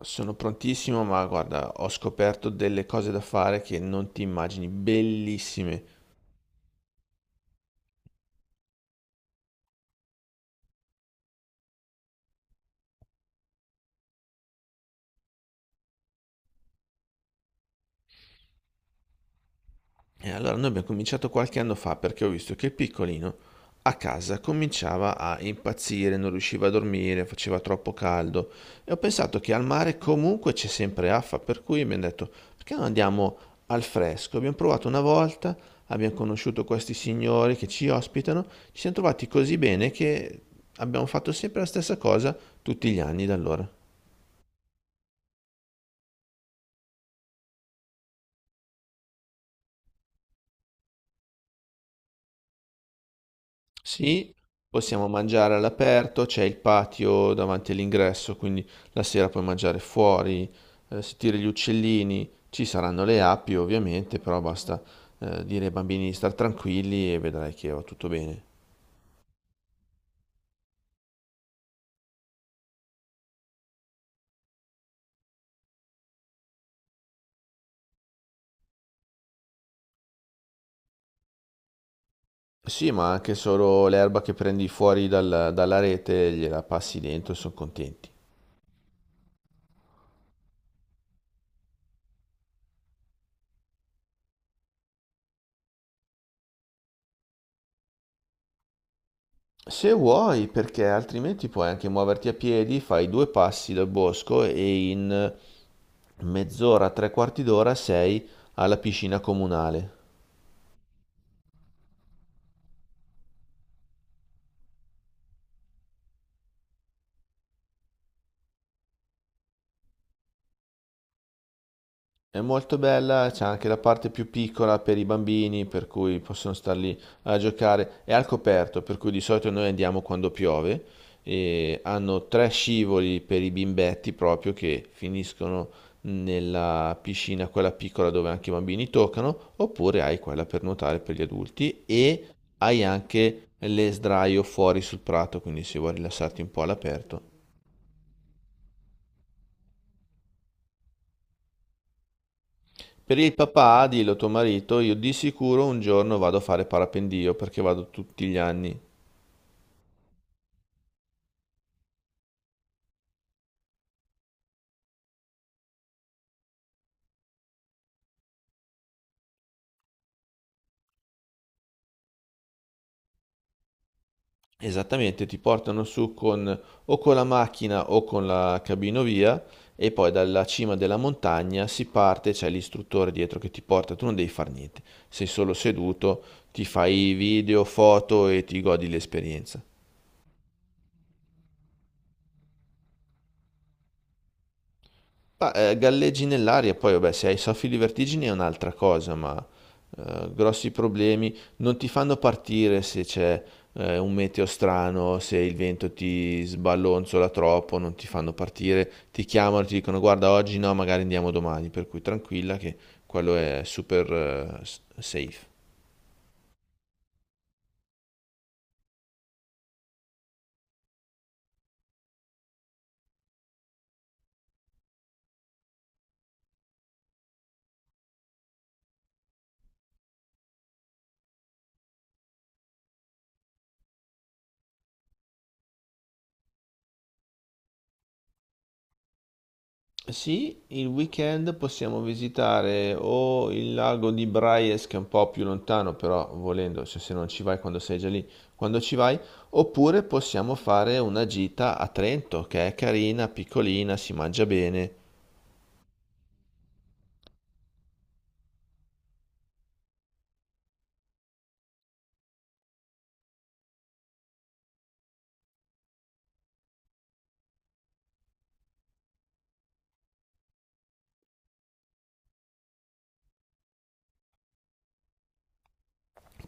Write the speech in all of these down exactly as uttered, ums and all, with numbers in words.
Sono prontissimo, ma guarda, ho scoperto delle cose da fare che non ti immagini, bellissime. E allora noi abbiamo cominciato qualche anno fa perché ho visto che il piccolino a casa cominciava a impazzire, non riusciva a dormire, faceva troppo caldo e ho pensato che al mare comunque c'è sempre affa, per cui mi hanno detto perché non andiamo al fresco? Abbiamo provato una volta, abbiamo conosciuto questi signori che ci ospitano, ci siamo trovati così bene che abbiamo fatto sempre la stessa cosa tutti gli anni da allora. Sì, possiamo mangiare all'aperto, c'è il patio davanti all'ingresso, quindi la sera puoi mangiare fuori, eh, sentire gli uccellini, ci saranno le api ovviamente, però basta eh, dire ai bambini di star tranquilli e vedrai che va tutto bene. Sì, ma anche solo l'erba che prendi fuori dal- dalla rete gliela passi dentro e sono contenti. Se vuoi, perché altrimenti puoi anche muoverti a piedi, fai due passi dal bosco e in mezz'ora, tre quarti d'ora sei alla piscina comunale. È molto bella, c'è anche la parte più piccola per i bambini, per cui possono star lì a giocare. È al coperto, per cui di solito noi andiamo quando piove. E hanno tre scivoli per i bimbetti proprio che finiscono nella piscina, quella piccola dove anche i bambini toccano, oppure hai quella per nuotare per gli adulti e hai anche le sdraio fuori sul prato, quindi se vuoi rilassarti un po' all'aperto. Per il papà, dillo a tuo marito, io di sicuro un giorno vado a fare parapendio perché vado tutti gli anni. Esattamente, ti portano su con o con la macchina o con la cabinovia e poi dalla cima della montagna si parte, c'è l'istruttore dietro che ti porta, tu non devi fare niente, sei solo seduto, ti fai video, foto e ti godi l'esperienza. Ma, eh, galleggi nell'aria, poi vabbè, se hai soffi di vertigini è un'altra cosa, ma eh, grossi problemi non ti fanno partire se c'è eh, un meteo strano, se il vento ti sballonzola troppo, non ti fanno partire, ti chiamano, ti dicono guarda oggi no, magari andiamo domani, per cui tranquilla che quello è super eh, s- safe. Sì, il weekend possiamo visitare o il lago di Braies, che è un po' più lontano, però volendo, se, se non ci vai quando sei già lì, quando ci vai, oppure possiamo fare una gita a Trento, che è carina, piccolina, si mangia bene.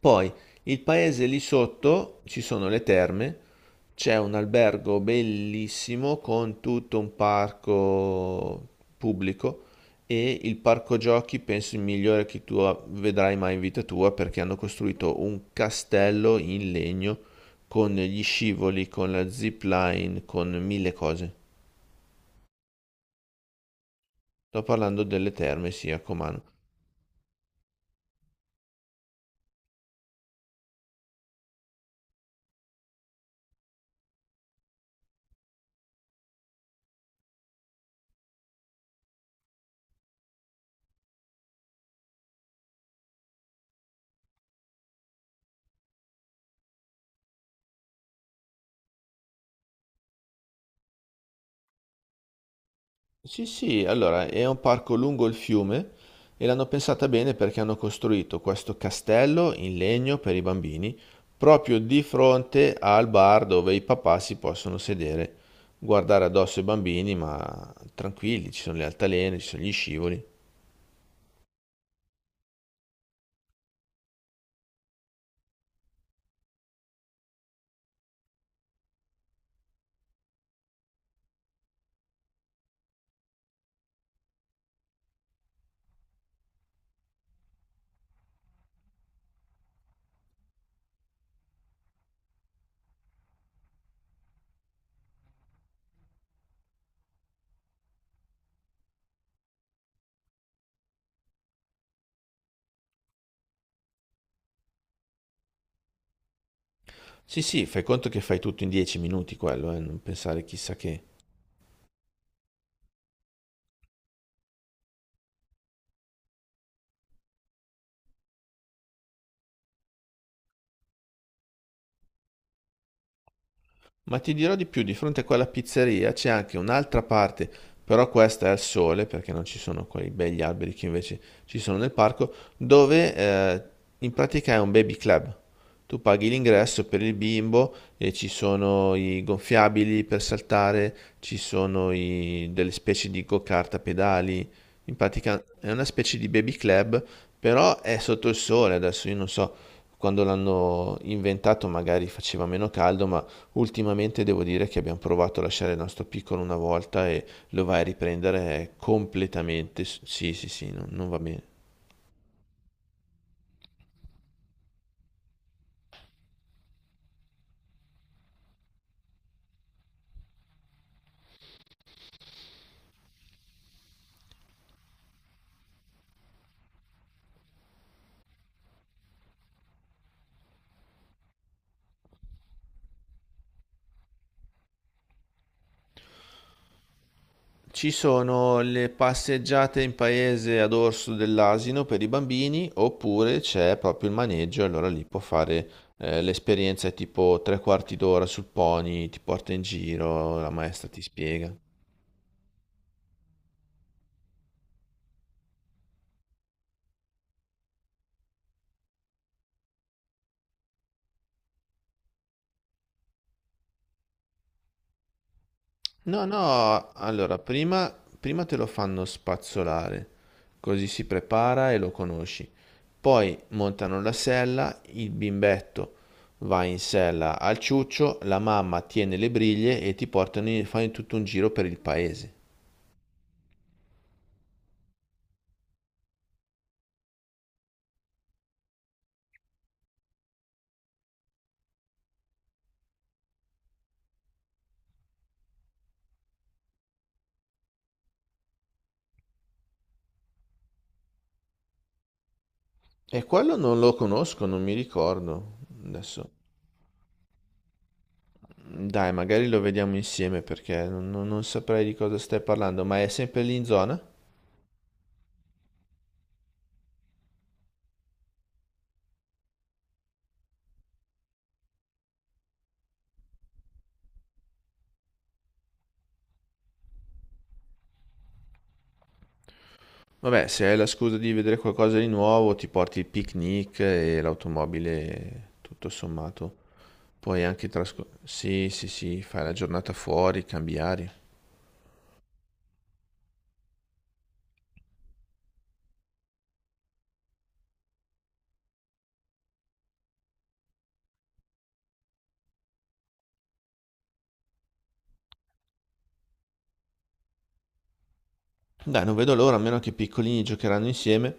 Poi il paese lì sotto ci sono le terme, c'è un albergo bellissimo con tutto un parco pubblico e il parco giochi penso il migliore che tu vedrai mai in vita tua perché hanno costruito un castello in legno con gli scivoli, con la zip line, con mille cose. Sto parlando delle terme, sì, a Comano. Sì, sì, allora è un parco lungo il fiume e l'hanno pensata bene perché hanno costruito questo castello in legno per i bambini proprio di fronte al bar dove i papà si possono sedere, guardare addosso i bambini, ma tranquilli, ci sono le altalene, ci sono gli scivoli. Sì, sì, fai conto che fai tutto in dieci minuti quello, eh, non pensare chissà che. Ma ti dirò di più, di fronte a quella pizzeria c'è anche un'altra parte, però questa è al sole, perché non ci sono quei begli alberi che invece ci sono nel parco, dove eh, in pratica è un baby club. Tu paghi l'ingresso per il bimbo e ci sono i gonfiabili per saltare, ci sono i- delle specie di go-kart a pedali. In pratica è una specie di baby club, però è sotto il sole. Adesso io non so, quando l'hanno inventato magari faceva meno caldo, ma ultimamente devo dire che abbiamo provato a lasciare il nostro piccolo una volta e lo vai a riprendere eh, completamente. s- Sì, sì, sì, non, non va bene. Ci sono le passeggiate in paese ad orso dell'asino per i bambini, oppure c'è proprio il maneggio, allora lì può fare eh, l'esperienza è tipo tre quarti d'ora sul pony, ti porta in giro, la maestra ti spiega. No, no, allora prima, prima te lo fanno spazzolare, così si prepara e lo conosci. Poi montano la sella, il bimbetto va in sella al ciuccio, la mamma tiene le briglie e ti portano, in- fanno tutto un giro per il paese. E quello non lo conosco, non mi ricordo. Adesso, dai, magari lo vediamo insieme perché non, non non saprei di cosa stai parlando, ma è sempre lì in zona? Vabbè, se hai la scusa di vedere qualcosa di nuovo, ti porti il picnic e l'automobile, tutto sommato. Puoi anche trascorrere... Sì, sì, sì, fai la giornata fuori, cambi aria. Dai, non vedo l'ora, a meno che i piccolini giocheranno insieme.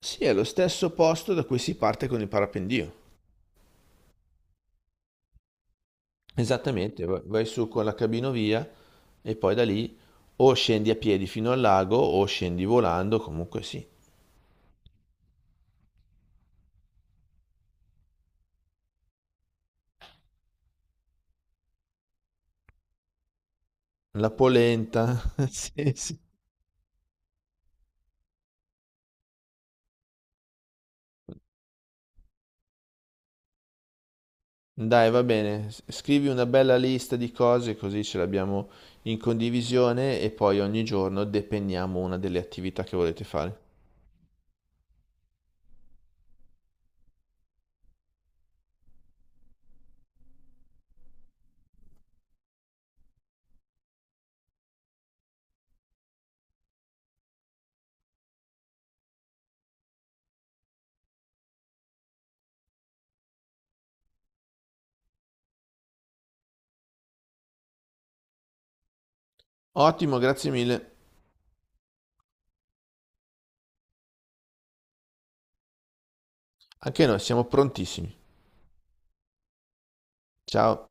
Sì, è lo stesso posto da cui si parte con il parapendio. Esattamente, va- vai su con la cabinovia e poi da lì o scendi a piedi fino al lago o scendi volando, comunque sì. La polenta, sì, sì. Dai, va bene, S- scrivi una bella lista di cose così ce l'abbiamo in condivisione e poi ogni giorno depenniamo una delle attività che volete fare. Ottimo, grazie mille. Anche noi siamo prontissimi. Ciao.